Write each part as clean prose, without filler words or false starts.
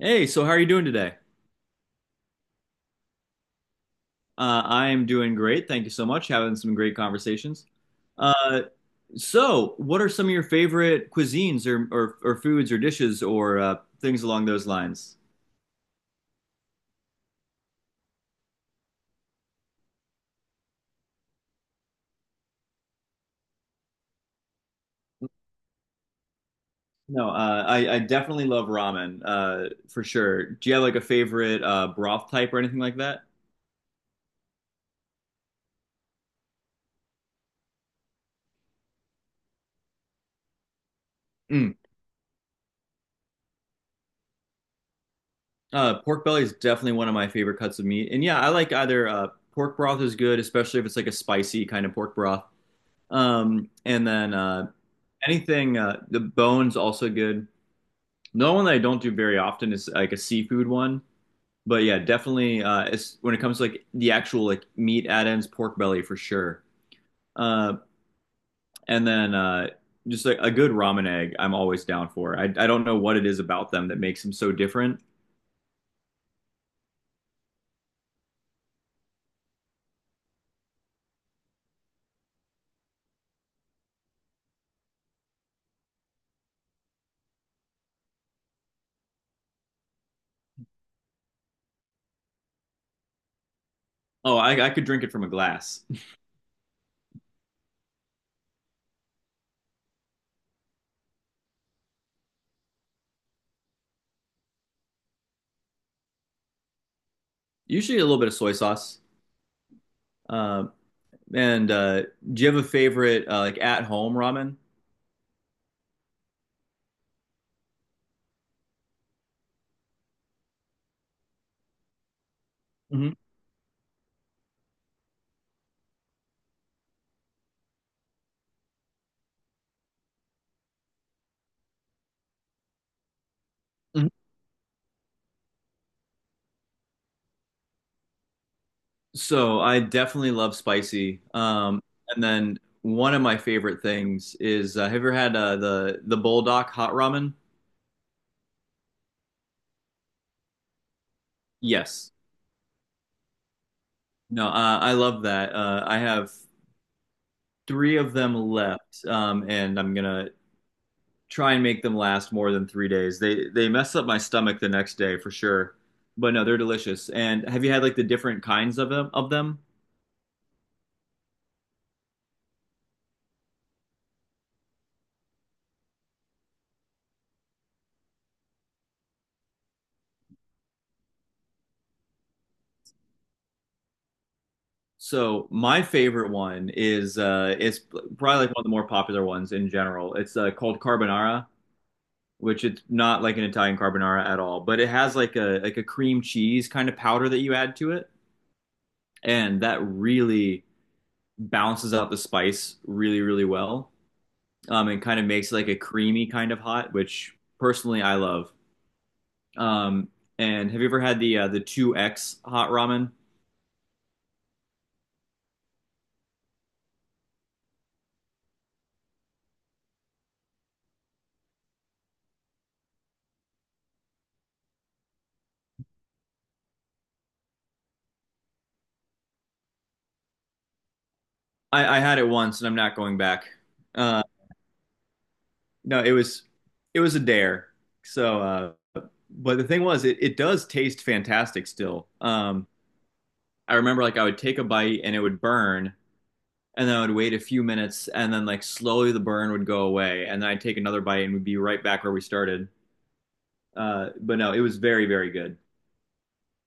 Hey, so how are you doing today? I am doing great. Thank you so much. Having some great conversations. Uh, so, what are some of your favorite cuisines or foods or dishes or things along those lines? No, I definitely love ramen for sure. Do you have like a favorite broth type or anything like that? Mm. Pork belly is definitely one of my favorite cuts of meat. And yeah, I like either pork broth is good, especially if it's like a spicy kind of pork broth. And then Anything, the bones also good. No one that I don't do very often is like a seafood one, but yeah, definitely. It's when it comes to like the actual like meat add-ins, pork belly for sure. Uh, and then Just like a good ramen egg, I'm always down for. I don't know what it is about them that makes them so different. Oh, I could drink it from a glass. Usually a little bit of soy sauce. Uh, and do you have a favorite like at home ramen? Mhm. So I definitely love spicy. And then one of my favorite things is have you ever had the Bulldog hot ramen? Yes. No, I love that. I have three of them left, and I'm gonna try and make them last more than 3 days. They mess up my stomach the next day for sure. But no, they're delicious. And have you had like the different kinds of them? So my favorite one is it's probably like one of the more popular ones in general. It's called carbonara, which it's not like an Italian carbonara at all, but it has like a cream cheese kind of powder that you add to it, and that really balances out the spice really, really well. And kind of makes like a creamy kind of hot, which personally I love. Um, and have you ever had the two X hot ramen? I had it once, and I'm not going back. Uh, no, it was a dare. So, but the thing was, it does taste fantastic still. I remember like I would take a bite and it would burn, and then I would wait a few minutes, and then like slowly the burn would go away, and then I'd take another bite and we'd be right back where we started. But no, it was very very good,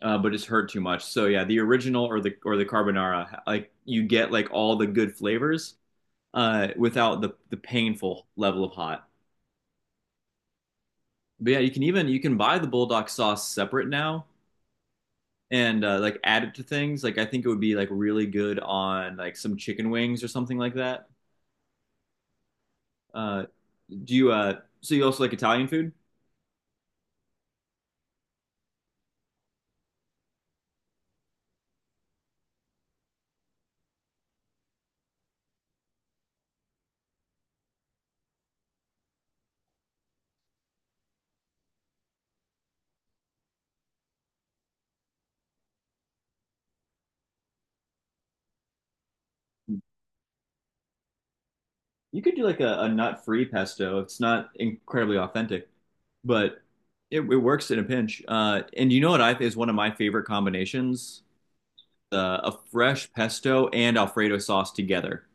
but it's hurt too much. So yeah, the original or the carbonara, like you get like all the good flavors without the painful level of hot. But yeah, you can buy the bulldog sauce separate now and like add it to things. Like I think it would be like really good on like some chicken wings or something like that. Uh, Do you so you also like Italian food? You could do like a nut-free pesto. It's not incredibly authentic, but it works in a pinch. And you know what I is one of my favorite combinations? A fresh pesto and Alfredo sauce together.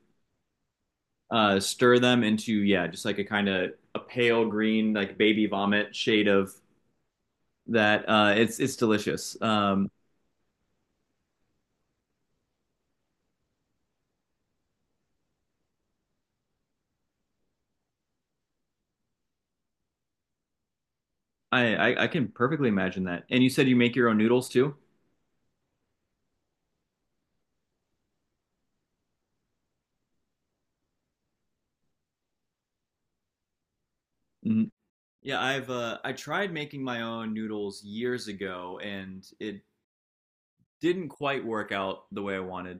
Stir them into, yeah, just like a kind of a pale green, like baby vomit shade of that. It's delicious. I can perfectly imagine that. And you said you make your own noodles too? Mm-hmm. Yeah, I tried making my own noodles years ago, and it didn't quite work out the way I wanted.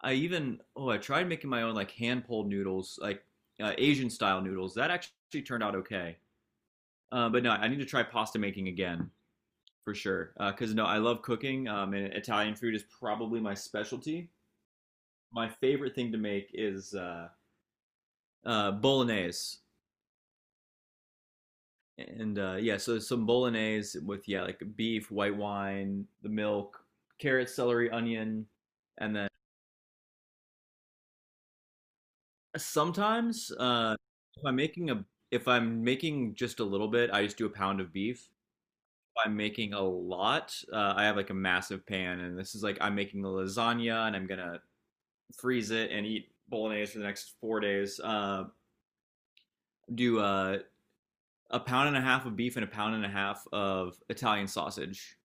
I tried making my own like hand pulled noodles, like Asian style noodles. That actually turned out okay. But no, I need to try pasta making again for sure. Because no, I love cooking, and Italian food is probably my specialty. My favorite thing to make is bolognese. And yeah, so some bolognese with, yeah, like beef, white wine, the milk, carrot, celery, onion, and then sometimes if I'm making a if I'm making just a little bit, I just do a pound of beef. If I'm making a lot, I have like a massive pan, and this is like I'm making a lasagna, and I'm gonna freeze it and eat bolognese for the next 4 days. Do A pound and a half of beef and a pound and a half of Italian sausage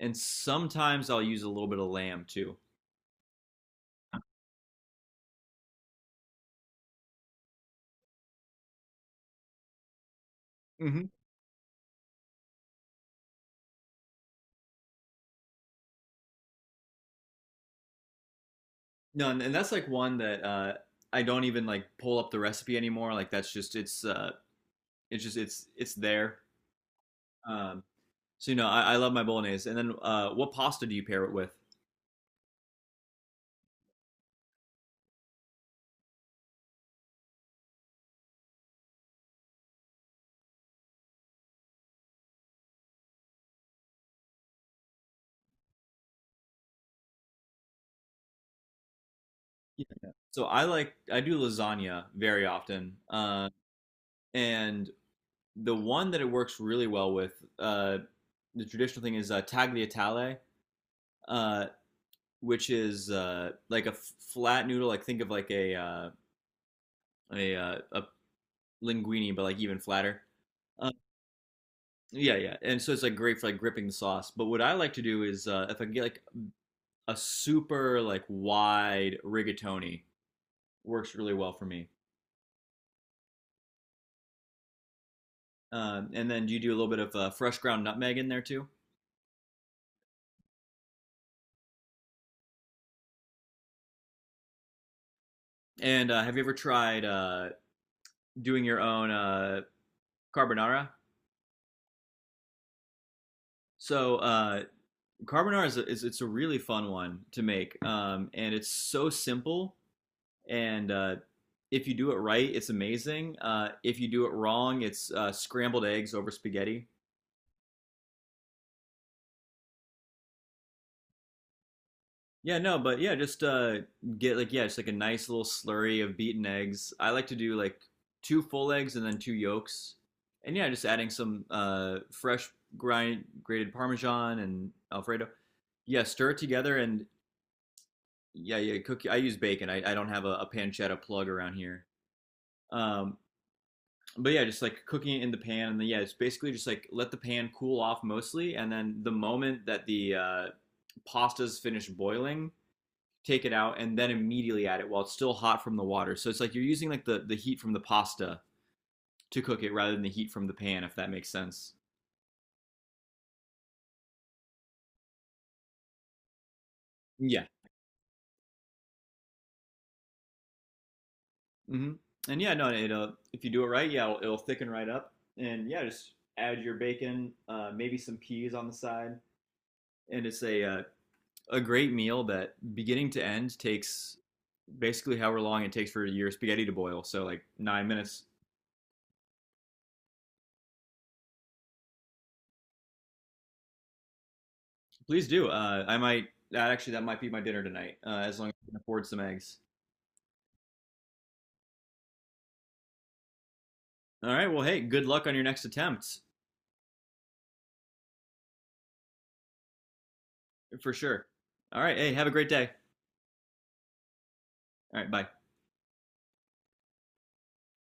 and sometimes I'll use a little bit of lamb too. Mm-hmm. No, and that's like one that I don't even like pull up the recipe anymore. Like that's just it's just it's there. Um, so you know, I love my bolognese. And then what pasta do you pair it with? Yeah. So I do lasagna very often, and the one that it works really well with uh, the traditional thing is tagliatelle, uh, which is like a flat noodle. Like think of like a linguine, but like even flatter. Uh, yeah, yeah. And so it's like great for like gripping the sauce. But what I like to do is if I can get like a super like wide rigatoni, works really well for me. And then you do a little bit of fresh ground nutmeg in there too. And have you ever tried doing your own carbonara? So carbonara is, a, is it's a really fun one to make, and it's so simple and if you do it right, it's amazing. If you do it wrong, it's scrambled eggs over spaghetti. Yeah, no, but yeah, just get like, yeah, just like a nice little slurry of beaten eggs. I like to do like two full eggs and then two yolks, and yeah, just adding some fresh grind grated Parmesan and Alfredo. Yeah, stir it together and yeah, yeah, cook. I use bacon. I don't have a pancetta plug around here. Um, but yeah, just like cooking it in the pan, and then yeah, it's basically just like let the pan cool off mostly, and then the moment that the pasta's finished boiling, take it out, and then immediately add it while it's still hot from the water. So it's like you're using like the heat from the pasta to cook it rather than the heat from the pan, if that makes sense. Yeah. Hmm. And yeah, no, it'll if you do it right, yeah, it'll thicken right up, and yeah, just add your bacon, maybe some peas on the side, and it's a great meal that beginning to end takes basically however long it takes for your spaghetti to boil. So like 9 minutes. Please do. I might that actually that might be my dinner tonight. As long as I can afford some eggs. All right. Well, hey, good luck on your next attempt for sure. All right. Hey, have a great day. All right. Bye.